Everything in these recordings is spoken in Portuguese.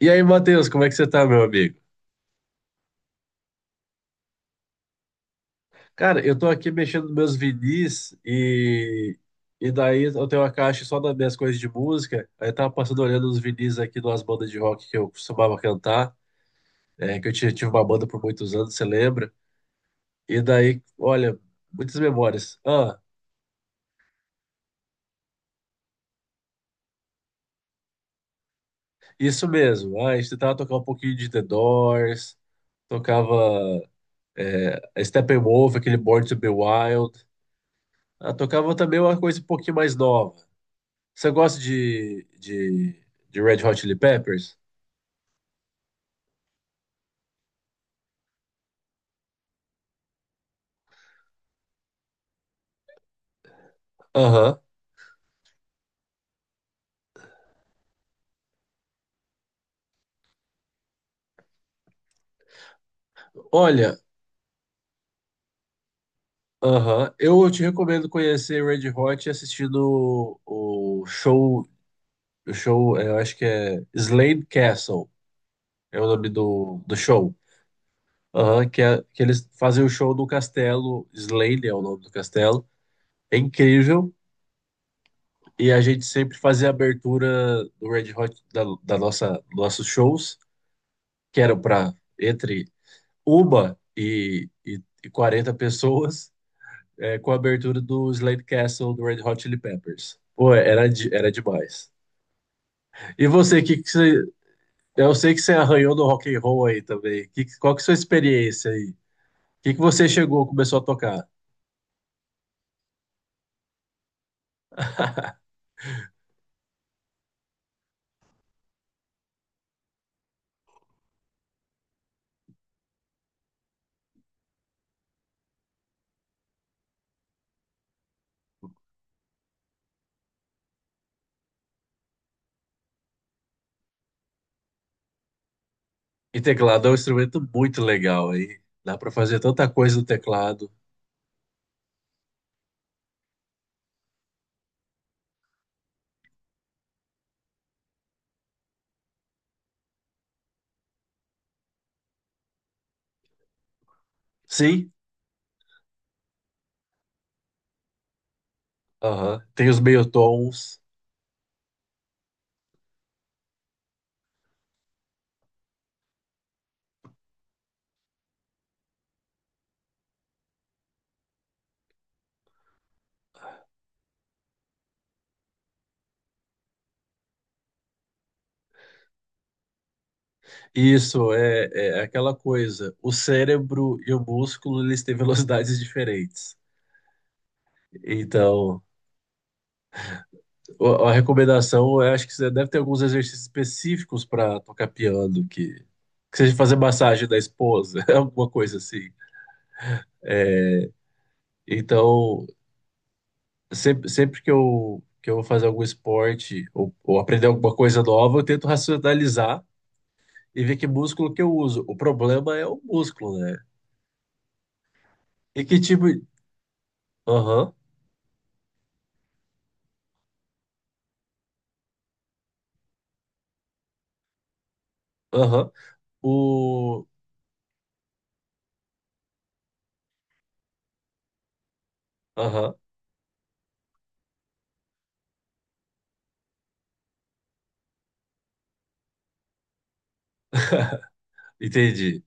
E aí, Matheus, como é que você tá, meu amigo? Cara, eu tô aqui mexendo nos meus vinis e daí eu tenho uma caixa só das minhas coisas de música. Aí eu tava passando olhando os vinis aqui de umas bandas de rock que eu costumava cantar, que eu tive uma banda por muitos anos, você lembra? E daí, olha, muitas memórias. Ah, isso mesmo. Ah, a gente tentava tocar um pouquinho de The Doors, tocava Steppenwolf, aquele Born to Be Wild. Ah, tocava também uma coisa um pouquinho mais nova. Você gosta de Red Hot Chili Peppers? Aham. Olha, aham, eu te recomendo conhecer Red Hot assistindo o show, eu acho que é Slade Castle, é o nome do show. Aham, que eles fazem o show no castelo, Slade é o nome do castelo. É incrível. E a gente sempre fazia a abertura do Red Hot da nossa nossos shows, que era para entre Uma e 40 pessoas com a abertura do Slade Castle do Red Hot Chili Peppers. Pô, era demais. E você, eu sei que você arranhou no rock and roll aí também. Qual que é a sua experiência aí? O que você começou a tocar? E teclado é um instrumento muito legal aí. Dá pra fazer tanta coisa no teclado. Sim, aham. Tem os meio tons. Isso é aquela coisa. O cérebro e o músculo eles têm velocidades diferentes. Então, a recomendação, eu acho que você deve ter alguns exercícios específicos para tocar piano, que seja fazer massagem da esposa, alguma coisa assim. Então, sempre que eu vou fazer algum esporte ou aprender alguma coisa nova, eu tento racionalizar e ver que músculo que eu uso. O problema é o músculo, né? E que tipo. Aham, aham. O. Aham, entendi.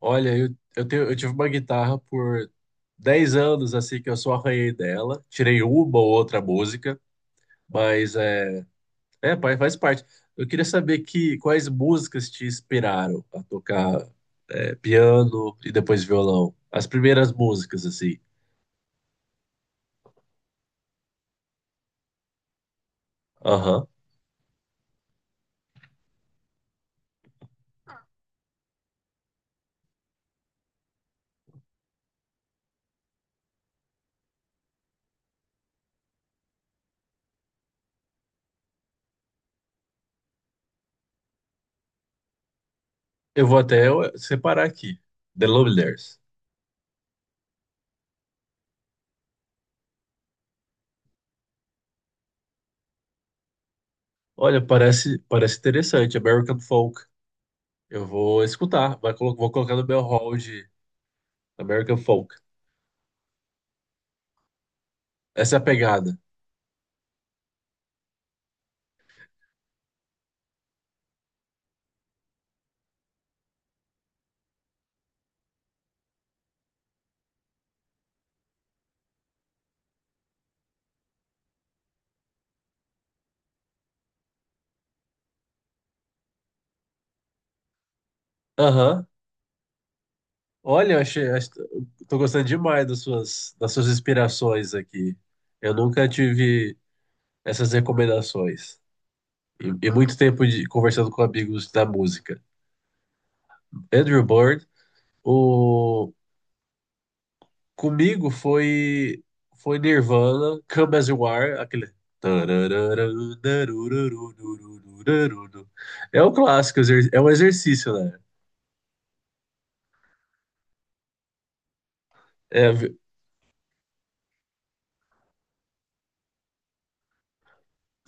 Olha, eu tive uma guitarra por 10 anos, assim, que eu só arranhei dela. Tirei uma ou outra música, mas faz parte. Eu queria saber quais músicas te inspiraram a tocar piano e depois violão. As primeiras músicas, assim. Aham. Eu vou até separar aqui. The Lumineers. Olha, parece interessante. American Folk. Eu vou escutar, vou colocar no meu hall de American Folk. Essa é a pegada. Aham. Olha, tô gostando demais das suas inspirações aqui. Eu nunca tive essas recomendações. E muito tempo de conversando com amigos da música. Andrew Bird, o comigo foi Nirvana, Come As You Are, aquele. É um clássico, é um exercício, né? É,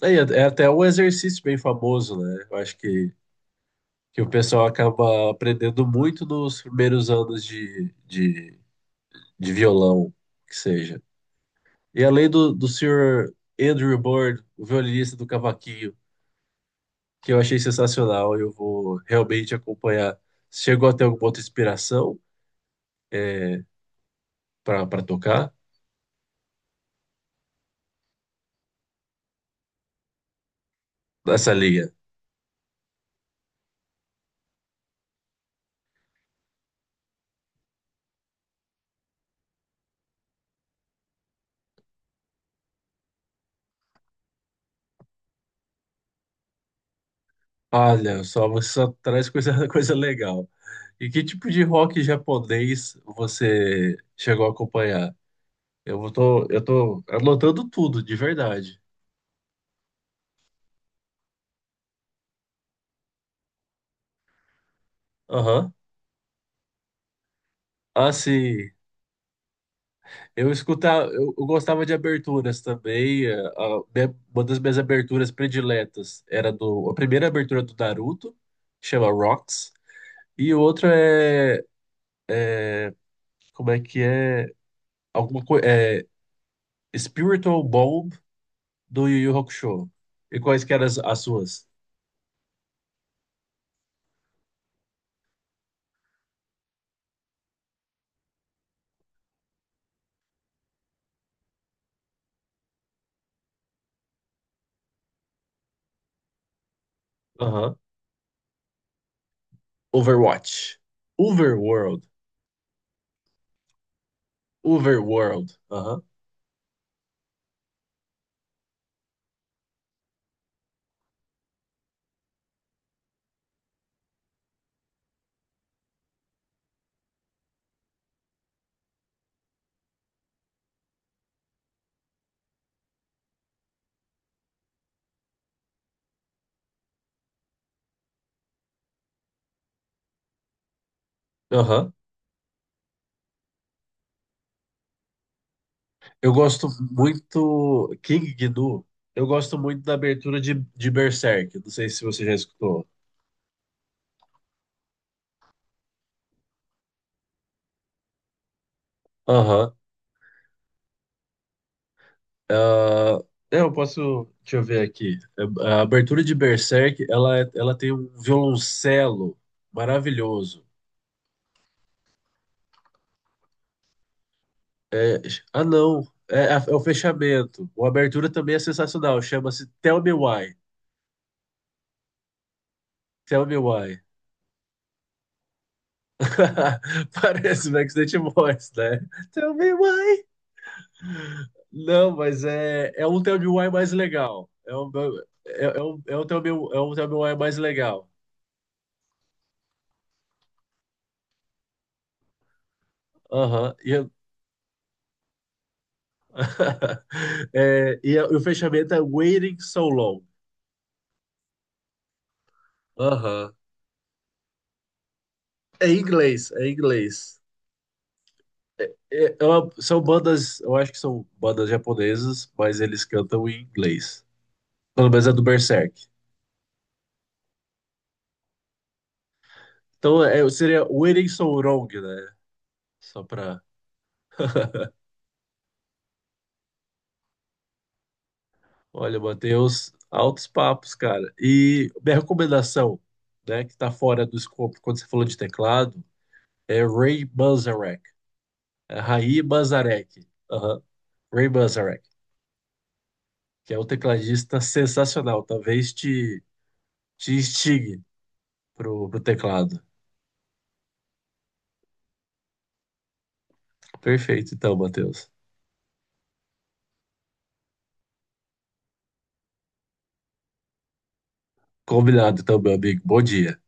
é, é até um exercício bem famoso, né? Eu acho que o pessoal acaba aprendendo muito nos primeiros anos de violão, que seja. E além do senhor Andrew Bird, o violinista do cavaquinho, que eu achei sensacional, eu vou realmente acompanhar. Chegou até alguma outra inspiração é, para tocar nessa linha? Olha, só você só traz coisa, coisa legal. E que tipo de rock japonês você chegou a acompanhar? Eu tô anotando tudo, de verdade. Aham. Ah, sim, eu escutava. Eu gostava de aberturas também. Uma das minhas aberturas prediletas era a primeira abertura do Naruto, que chama Rocks, e outra é, como é que é? Alguma coisa, é Spiritual Bomb do Yu Yu Hakusho. E quais que eram as suas? Aham. Overwatch. Overworld. Overworld. Aham. Aham. Eu gosto muito. King Gnu. Eu gosto muito da abertura de Berserk. Não sei se você já escutou. Aham. Ah, eu posso. Deixa eu ver aqui. A abertura de Berserk, ela tem um violoncelo maravilhoso. É, ah, não. É, o fechamento. A abertura também é sensacional. Chama-se Tell Me Why. Tell Me Why. Parece o Backstreet Boys, né? Tell me why. Não, mas é um TLBY mais legal. É um TLBY, é um TLBY mais legal. Aham. O fechamento é Waiting So Long. Aham. É em inglês, é em inglês. É, são bandas, eu acho que são bandas japonesas, mas eles cantam em inglês. Pelo menos é do Berserk. Então seria Waiting So Long, né? Só pra. Olha, Matheus, altos papos, cara. E minha recomendação, né, que tá fora do escopo quando você falou de teclado, é Ray Manzarek. É Ray Manzarek. Aham. Ray Manzarek, que é um tecladista sensacional. Talvez te instigue pro teclado. Perfeito, então, Matheus. Combinado, então, meu amigo. Bom dia.